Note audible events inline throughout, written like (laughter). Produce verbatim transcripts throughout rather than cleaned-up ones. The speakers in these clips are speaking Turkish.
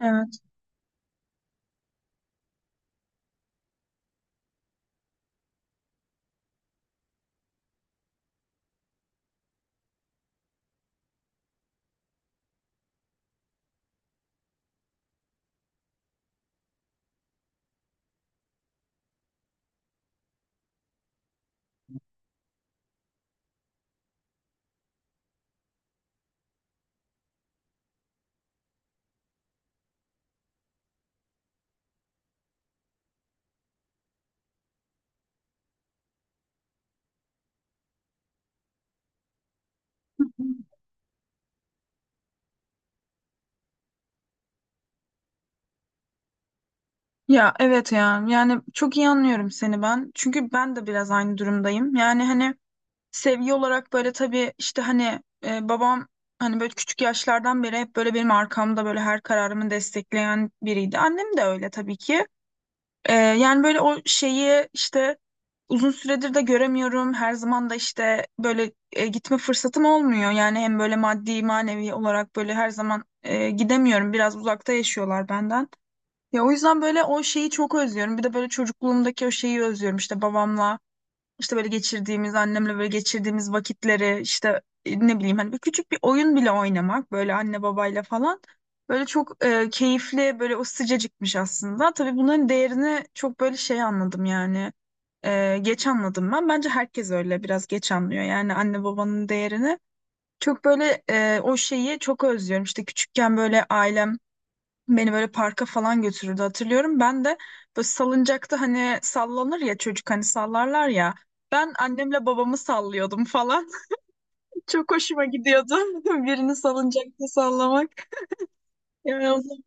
Evet. Ya evet ya, yani çok iyi anlıyorum seni ben. Çünkü ben de biraz aynı durumdayım. Yani hani sevgi olarak böyle, tabii işte hani e, babam hani böyle küçük yaşlardan beri hep böyle benim arkamda, böyle her kararımı destekleyen biriydi. Annem de öyle, tabii ki. E, yani böyle o şeyi işte uzun süredir de göremiyorum. Her zaman da işte böyle e, gitme fırsatım olmuyor. Yani hem böyle maddi manevi olarak böyle her zaman e, gidemiyorum. Biraz uzakta yaşıyorlar benden. Ya o yüzden böyle o şeyi çok özlüyorum. Bir de böyle çocukluğumdaki o şeyi özlüyorum. İşte babamla, işte böyle geçirdiğimiz, annemle böyle geçirdiğimiz vakitleri, işte e, ne bileyim, hani bir küçük bir oyun bile oynamak böyle anne babayla falan. Böyle çok e, keyifli, böyle o sıcacıkmış aslında. Tabii bunların değerini çok böyle şey anladım yani. E, geç anladım ben. Bence herkes öyle biraz geç anlıyor. Yani anne babanın değerini. Çok böyle e, o şeyi çok özlüyorum. İşte küçükken böyle ailem beni böyle parka falan götürürdü hatırlıyorum. Ben de böyle salıncakta, hani sallanır ya çocuk, hani sallarlar ya. Ben annemle babamı sallıyordum falan. (laughs) Çok hoşuma gidiyordu (laughs) birini salıncakta sallamak. Yani o zaman-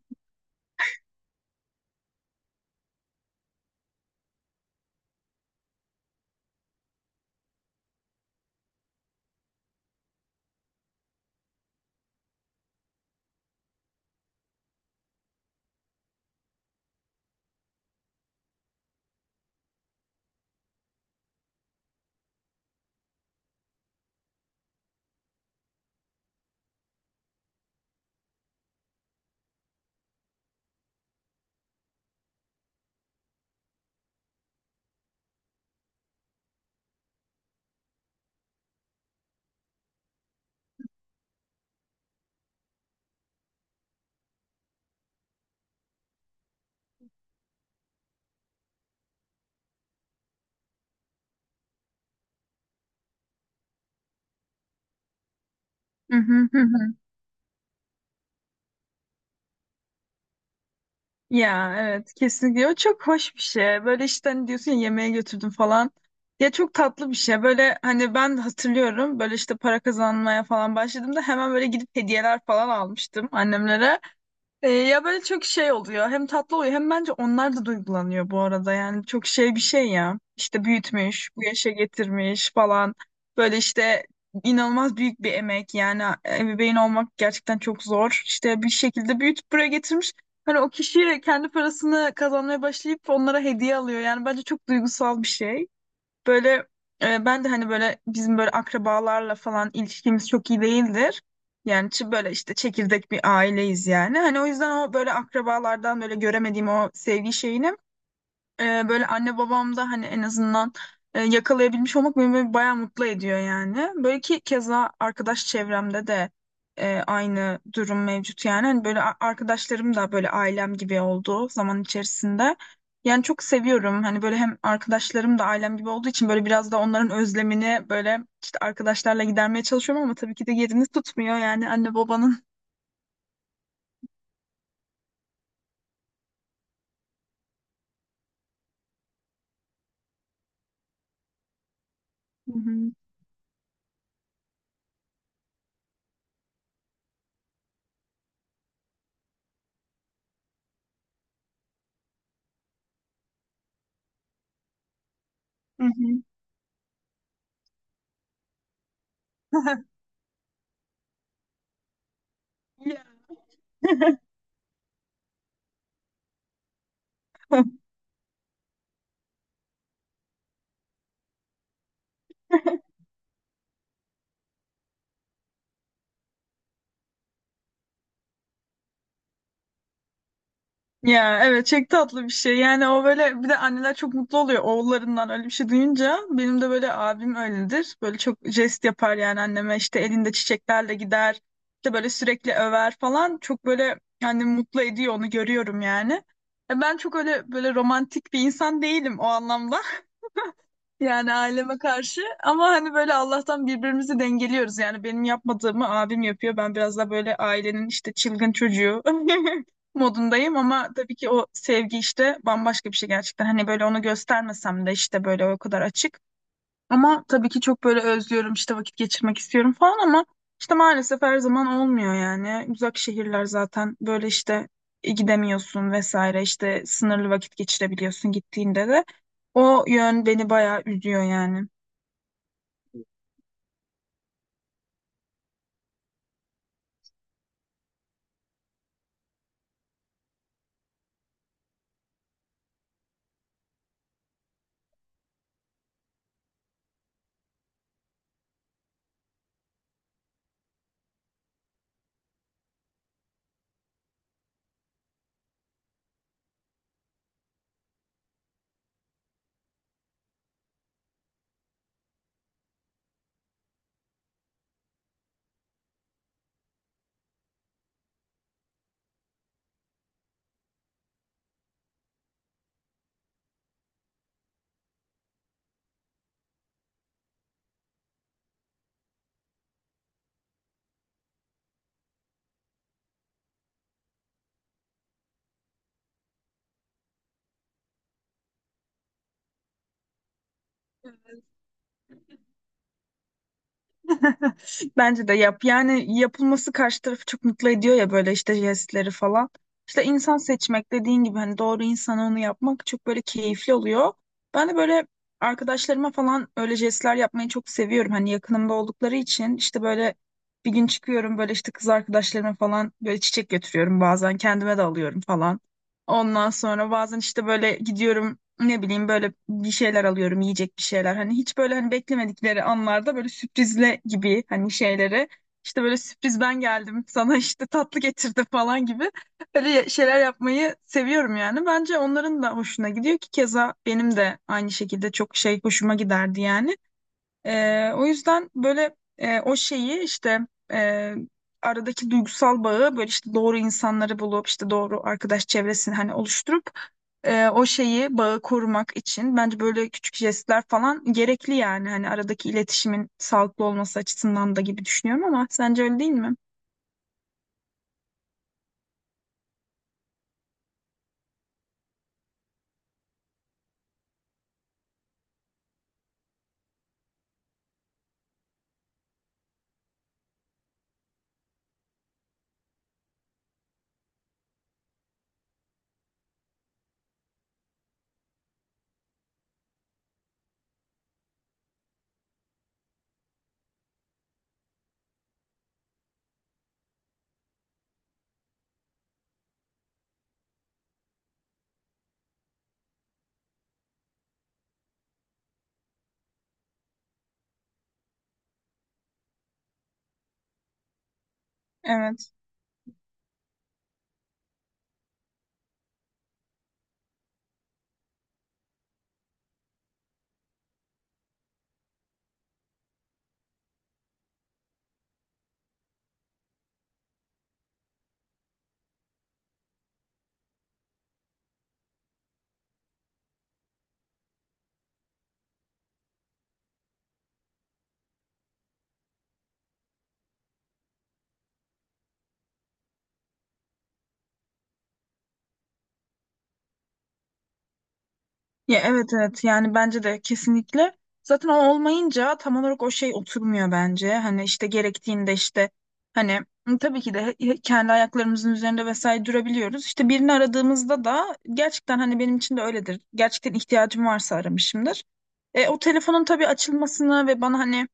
Hı hı hı hı. Ya evet, kesinlikle o çok hoş bir şey. Böyle işte hani diyorsun ya, yemeğe götürdüm falan. Ya çok tatlı bir şey. Böyle hani ben de hatırlıyorum, böyle işte para kazanmaya falan başladığımda hemen böyle gidip hediyeler falan almıştım annemlere. E, ya böyle çok şey oluyor. Hem tatlı oluyor hem bence onlar da duygulanıyor bu arada. Yani çok şey bir şey ya. İşte büyütmüş, bu yaşa getirmiş falan. Böyle işte inanılmaz büyük bir emek. Yani e, ebeveyn olmak gerçekten çok zor. İşte bir şekilde büyütüp buraya getirmiş. Hani o kişi kendi parasını kazanmaya başlayıp onlara hediye alıyor. Yani bence çok duygusal bir şey. Böyle e, ben de hani böyle bizim böyle akrabalarla falan ilişkimiz çok iyi değildir. Yani çı- böyle işte çekirdek bir aileyiz yani. Hani o yüzden o böyle akrabalardan böyle göremediğim o sevgi şeyini e, böyle anne babam da hani en azından e, yakalayabilmiş olmak beni böyle bayağı mutlu ediyor yani. Böyle ki keza arkadaş çevremde de e, aynı durum mevcut yani. Hani böyle a- arkadaşlarım da böyle ailem gibi oldu zaman içerisinde. Yani çok seviyorum. Hani böyle, hem arkadaşlarım da ailem gibi olduğu için böyle biraz da onların özlemini böyle işte arkadaşlarla gidermeye çalışıyorum, ama tabii ki de yerini tutmuyor yani, anne babanın. Hı hı. Hı hı. (laughs) Ya. Ya evet, çok tatlı bir şey. Yani o böyle, bir de anneler çok mutlu oluyor oğullarından öyle bir şey duyunca. Benim de böyle abim öyledir. Böyle çok jest yapar yani anneme, işte elinde çiçeklerle gider. İşte böyle sürekli över falan. Çok böyle yani mutlu ediyor, onu görüyorum yani. E, Ben çok öyle böyle romantik bir insan değilim o anlamda. Yani aileme karşı, ama hani böyle Allah'tan birbirimizi dengeliyoruz. Yani benim yapmadığımı abim yapıyor. Ben biraz da böyle ailenin işte çılgın çocuğu (laughs) modundayım, ama tabii ki o sevgi işte bambaşka bir şey gerçekten. Hani böyle onu göstermesem de işte böyle o kadar açık. Ama tabii ki çok böyle özlüyorum, işte vakit geçirmek istiyorum falan, ama işte maalesef her zaman olmuyor yani. Uzak şehirler zaten, böyle işte e, gidemiyorsun vesaire, işte sınırlı vakit geçirebiliyorsun gittiğinde de. O yön beni bayağı üzüyor yani. (laughs) Bence de yap. Yani yapılması karşı tarafı çok mutlu ediyor ya, böyle işte jestleri falan. İşte insan seçmek dediğin gibi, hani doğru insana onu yapmak çok böyle keyifli oluyor. Ben de böyle arkadaşlarıma falan öyle jestler yapmayı çok seviyorum. Hani yakınımda oldukları için, işte böyle bir gün çıkıyorum, böyle işte kız arkadaşlarıma falan böyle çiçek götürüyorum, bazen kendime de alıyorum falan. Ondan sonra bazen işte böyle gidiyorum, ne bileyim böyle bir şeyler alıyorum, yiyecek bir şeyler, hani hiç böyle, hani beklemedikleri anlarda böyle sürprizle gibi hani şeyleri, işte böyle sürpriz, ben geldim sana işte tatlı getirdim falan gibi, öyle şeyler yapmayı seviyorum. Yani bence onların da hoşuna gidiyor, ki keza benim de aynı şekilde çok şey hoşuma giderdi yani. Ee, o yüzden böyle e, o şeyi işte e, aradaki duygusal bağı, böyle işte doğru insanları bulup, işte doğru arkadaş çevresini hani oluşturup, e, o şeyi, bağı korumak için bence böyle küçük jestler falan gerekli yani, hani aradaki iletişimin sağlıklı olması açısından da gibi düşünüyorum, ama sence öyle değil mi? Evet. Ya evet evet, yani bence de kesinlikle. Zaten o olmayınca tam olarak o şey oturmuyor bence. Hani işte gerektiğinde, işte hani tabii ki de he- kendi ayaklarımızın üzerinde vesaire durabiliyoruz. İşte birini aradığımızda da gerçekten, hani benim için de öyledir. Gerçekten ihtiyacım varsa aramışımdır. E, o telefonun tabii açılmasını ve bana hani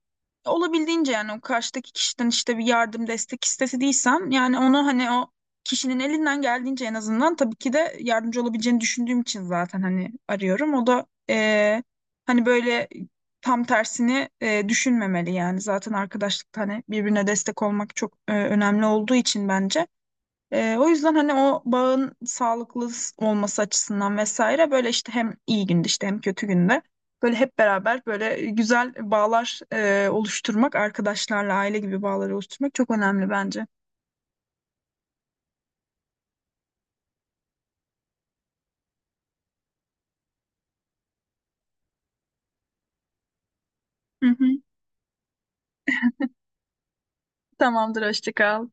olabildiğince, yani o karşıdaki kişiden işte bir yardım destek istediysem, yani onu hani o kişinin elinden geldiğince, en azından tabii ki de yardımcı olabileceğini düşündüğüm için zaten hani arıyorum. O da eee, hani böyle tam tersini eee, düşünmemeli yani, zaten arkadaşlıkta hani birbirine destek olmak çok eee, önemli olduğu için, bence. Eee, o yüzden hani o bağın sağlıklı olması açısından vesaire, böyle işte hem iyi günde işte hem kötü günde böyle hep beraber böyle güzel bağlar eee, oluşturmak, arkadaşlarla aile gibi bağları oluşturmak çok önemli bence. Hı hı. Tamamdır, hoşça kal.